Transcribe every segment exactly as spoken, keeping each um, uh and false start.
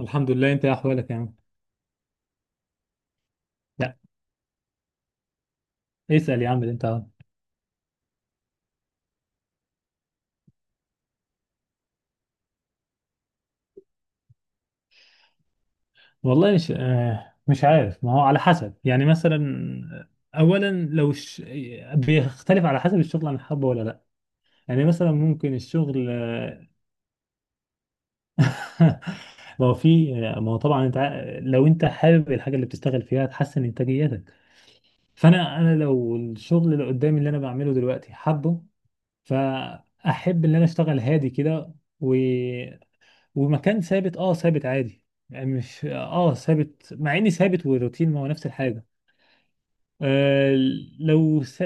الحمد لله، انت ايه احوالك يا عم. لا، اسأل يا عم انت أهو. والله مش آه، مش عارف، ما هو على حسب، يعني مثلا، اولا لو ش... بيختلف على حسب الشغل انا حابه ولا لا، يعني مثلا ممكن الشغل آه، ما هو في آه، ما هو طبعا انت ع- لو انت حابب الحاجه اللي بتشتغل فيها تحسن انتاجيتك، فانا انا لو الشغل اللي قدامي اللي انا بعمله دلوقتي حابه، فاحب ان انا اشتغل هادي كده، ومكان ثابت اه ثابت عادي، يعني مش اه ثابت، مع اني ثابت والروتين ما هو نفس الحاجه. آه لو س...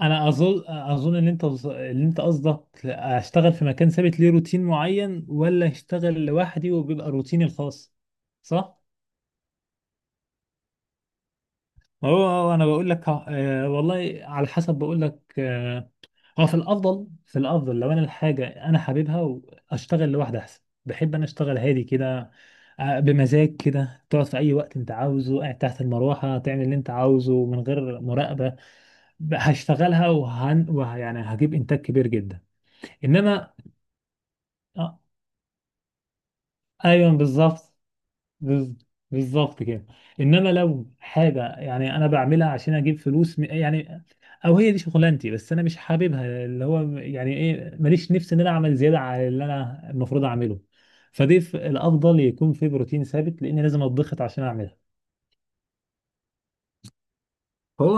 انا اظن اظن ان انت اللي انت قصدك اشتغل في مكان ثابت ليه روتين معين، ولا اشتغل لوحدي وبيبقى روتيني الخاص، صح؟ ما هو هو انا بقول لك آه والله على حسب، بقول لك آه، هو في الافضل في الافضل لو انا الحاجه انا حاببها واشتغل لوحدي احسن، بحب انا اشتغل هادي كده، آه، بمزاج كده، تقعد في اي وقت انت عاوزه، قاعد تحت المروحه، تعمل اللي انت عاوزه من غير مراقبه، ب- هشتغلها وهن وه يعني هجيب انتاج كبير جدا. انما آه، ايوه بالظبط، بز- بالظبط كده. انما لو حاجه يعني انا بعملها عشان اجيب فلوس م- يعني، او هي دي شغلانتي بس انا مش حاببها، اللي هو يعني ايه، ماليش نفس ان انا اعمل زياده على اللي انا المفروض اعمله، فدي، ف- الافضل يكون في بروتين ثابت لان لازم اتضغط عشان اعملها. هو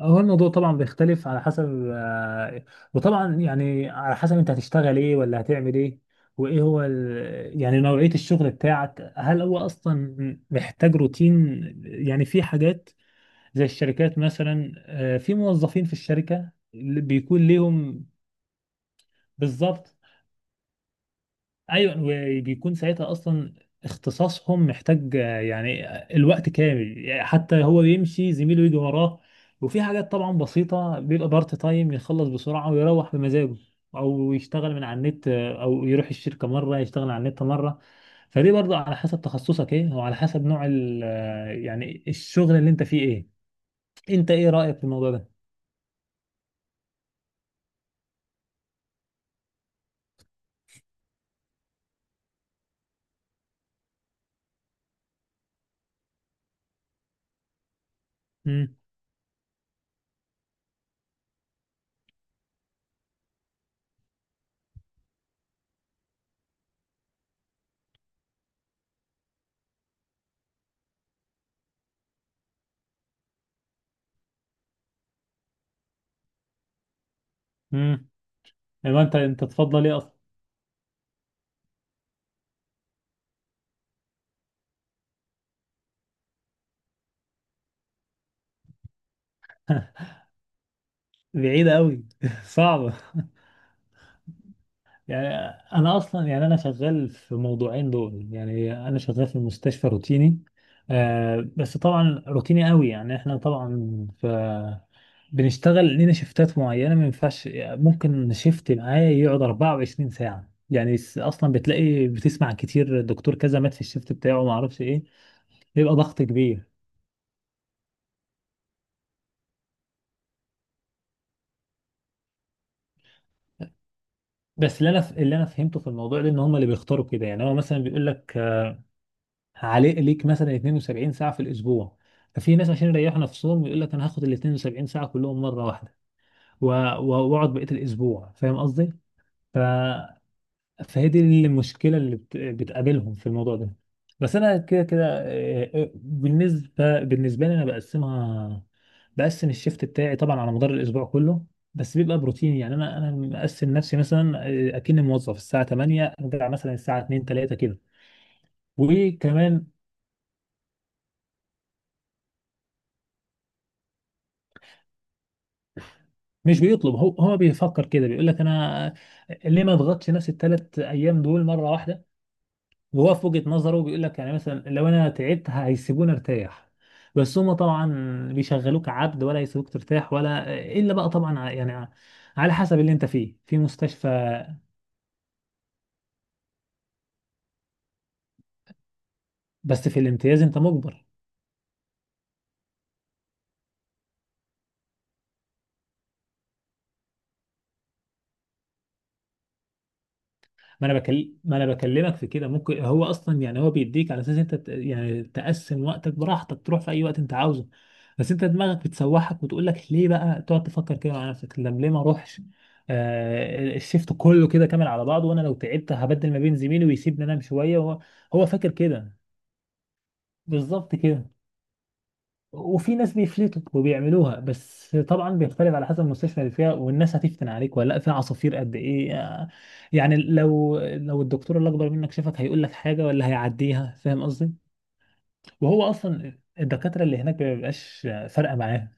هو الموضوع طبعا بيختلف على حسب آه، وطبعا يعني على حسب انت هتشتغل ايه ولا هتعمل ايه، وايه هو ال... يعني نوعية الشغل بتاعك، هل هو اصلا محتاج روتين؟ يعني في حاجات زي الشركات مثلا آه، في موظفين في الشركة اللي بيكون ليهم بالظبط، ايوه، وبيكون ساعتها اصلا اختصاصهم محتاج آه، يعني الوقت كامل، يعني حتى هو يمشي زميله يجي وراه، وفي حاجات طبعا بسيطة بيبقى بارت تايم يخلص بسرعة ويروح بمزاجه، او يشتغل من على النت آه، او يروح الشركة مرة يشتغل على النت مرة، فدي برضه على حسب تخصصك ايه، وعلى حسب نوع ال آه، يعني الشغل اللي انت فيه ايه. انت ايه رأيك في الموضوع ده؟ امم امم انت انت تفضل ايه اصلا؟ بعيدة قوي، صعبة. يعني انا اصلا، يعني انا شغال في موضوعين دول، يعني انا شغال في المستشفى روتيني، آه بس طبعا روتيني قوي، يعني احنا طبعا ف بنشتغل لينا شيفتات معينه، ما ينفعش ممكن شيفت معايا يقعد اربعة وعشرين ساعه، يعني س- اصلا بتلاقي بتسمع كتير دكتور كذا مات في الشيفت بتاعه، ما اعرفش ايه، بيبقى ضغط كبير. بس اللي انا ف... اللي انا فهمته في الموضوع ده ان هم اللي بيختاروا كده، يعني هو مثلا بيقول لك عليه ليك مثلا اثنين وسبعين ساعة في الأسبوع، ففي ناس عشان يريحوا نفسهم يقول لك أنا هاخد ال اتنين وسبعين ساعة كلهم مرة واحدة و- و- وأقعد بقية الأسبوع، فاهم قصدي؟ ف... فهي دي المشكلة اللي بت... بتقابلهم في الموضوع ده. بس أنا كده كده، آه، آه، بالنسبة بالنسبة لي، أنا بقسمها، بقسم الشيفت بتاعي طبعا على مدار الأسبوع كله، بس بيبقى بروتين، يعني أنا أنا مقسم نفسي مثلا آه، أكني موظف الساعة تمانية، أرجع مثلا الساعة اتنين الثالثة كده. وكمان مش بيطلب، هو هو بيفكر كده، بيقول لك انا ليه ما اضغطش نفسي الثلاث ايام دول مره واحده، وهو في وجهه نظره بيقول لك يعني مثلا لو انا تعبت هيسيبوني ارتاح، بس هما طبعا بيشغلوك عبد، ولا يسيبوك ترتاح، ولا الا بقى طبعا ع- يعني ع- على حسب اللي انت فيه في مستشفى، بس في الامتياز انت مجبر. ما انا بكل... ما انا بكلمك في كده، ممكن هو اصلا، يعني هو بيديك على اساس انت ت- يعني تقسم وقتك براحتك، تروح في اي وقت انت عاوزه، بس انت دماغك بتسوحك وتقول لك ليه؟ بقى تقعد تفكر كده مع نفسك، طب ليه ما اروحش؟ آه الشيفت كله كده كامل على بعضه، وانا لو تعبت هبدل ما بين زميلي ويسيبني انام شويه، وهو هو فاكر كده، بالظبط كده. وفي ناس بيفلتوا وبيعملوها، بس طبعا بيختلف على حسب المستشفى اللي فيها والناس هتفتن عليك ولا لا، في عصافير قد ايه آه، يعني لو لو الدكتور اللي اكبر منك شافك هيقول لك حاجه ولا هيعديها، فاهم قصدي؟ وهو اصلا الدكاتره اللي هناك ما بيبقاش فارقه معاهم،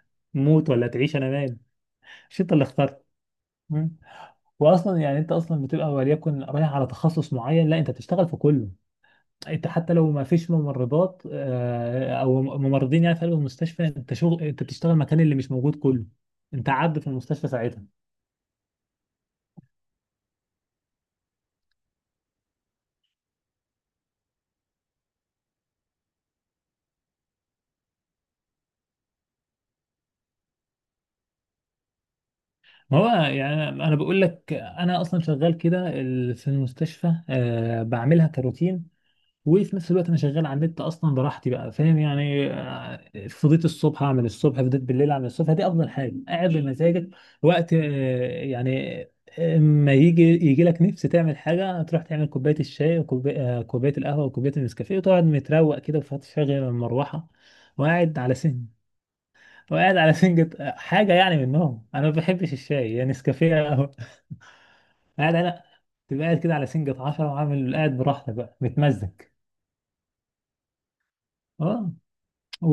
موت ولا تعيش، انا مال، مش انت اللي اخترت. مم. واصلا يعني انت اصلا بتبقى وليكن رايح على تخصص معين، لا انت بتشتغل في كله، انت حتى لو ما فيش ممرضات آه، او ممرضين يعني في قلب المستشفى انت شغل، انت بتشتغل مكان اللي مش موجود كله، انت عبد في المستشفى ساعتها. ما هو يعني انا بقول لك انا اصلا شغال كده، ال- في المستشفى آه، بعملها كروتين، وفي نفس الوقت انا شغال على النت اصلا براحتي بقى، فاهم يعني آه، فضيت الصبح اعمل الصبح، فضيت بالليل اعمل الصبح، دي افضل حاجه، قاعد بمزاجك وقت آه، يعني آه، ما يجي يجي لك نفس تعمل حاجه، تروح تعمل كوبايه الشاي وكوبايه آه، كوبايه القهوه وكوبايه النسكافيه، وتقعد متروق كده وتشغل المروحه، وقاعد على سن وقاعد على سنجة آه، حاجه يعني منهم، انا ما بحبش الشاي، يعني نسكافيه يا قهوة. قاعد على تبقى قاعد كده على سنجة عشرة، وعامل قاعد براحتك بقى متمزج. اه و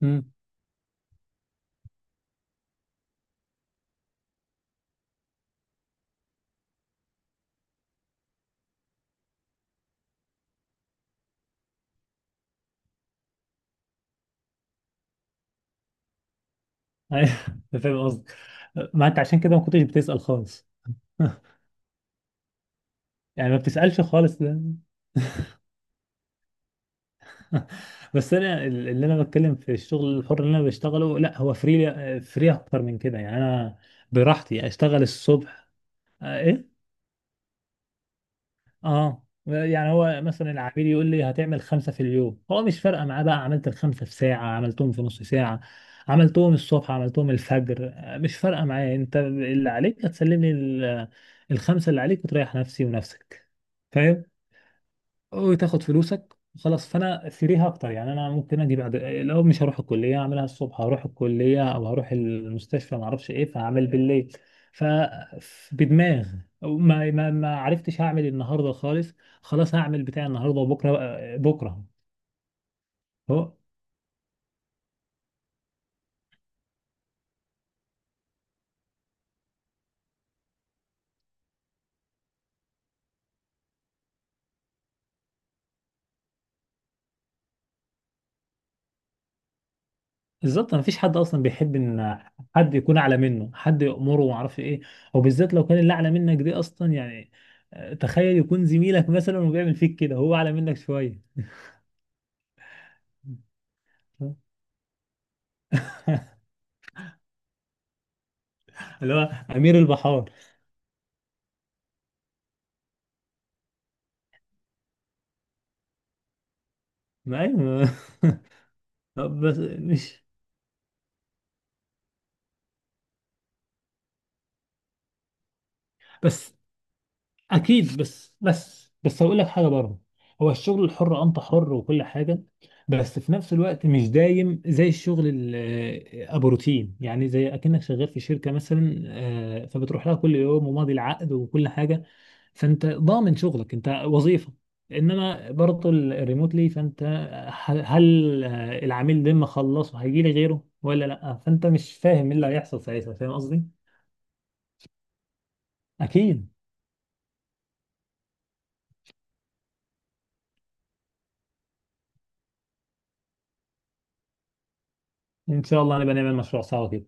مم. أيوة، أنا فاهم قصدك، ما انت عشان كده ما كنتش بتسأل خالص. يعني ما بتسألش خالص ده. بس انا ال- اللي انا بتكلم في الشغل الحر اللي انا بشتغله، لا هو فري فري اكتر من كده، يعني انا براحتي اشتغل الصبح آه، إيه؟ اه، يعني هو مثلا العميل يقول لي هتعمل خمسة في اليوم، هو مش فارقة معاه بقى عملت الخمسة في ساعة، عملتهم في نص ساعة، عملتهم الصبح، عملتهم الفجر آه، مش فارقة معايا، انت اللي عليك هتسلم لي ال- الخمسة اللي عليك، وتريح نفسي ونفسك، فاهم، وتاخد فلوسك خلاص، فانا سيريها اكتر، يعني انا ممكن اجي بعد، لو مش هروح الكليه اعملها الصبح، هروح الكليه او هروح المستشفى ما اعرفش ايه فهعمل بالليل، ف ف- بدماغ ما ما ما عرفتش هعمل النهارده خالص، خلاص هعمل بتاع النهارده وبكره بقى- بكره. هو بالظبط ما فيش حد اصلا بيحب ان حد يكون اعلى منه، حد يأمره وما اعرفش ايه، وبالذات لو كان اللي اعلى منك دي اصلا، يعني آه، تخيل يكون زميلك مثلا وبيعمل فيك كده، هو اعلى منك شويه، اللي هو امير البحار. ما ايوه، بس مش بس اكيد، بس بس بس هقول لك حاجه برضه، هو الشغل الحر انت حر وكل حاجه، بس في نفس الوقت مش دايم زي الشغل ال- آه، ابو روتين، يعني زي اكنك شغال في شركه مثلا آه، فبتروح لها كل يوم وماضي العقد وكل حاجه، فانت ضامن شغلك، انت وظيفه، انما برضه ال- الريموتلي، فانت ه- هل آه، العميل لما خلصه هيجي لي غيره ولا لا؟ فانت مش فاهم ايه اللي هيحصل ساعتها، فاهم قصدي؟ اكيد، ان شاء الله نبقى نعمل مشروع سوا كده.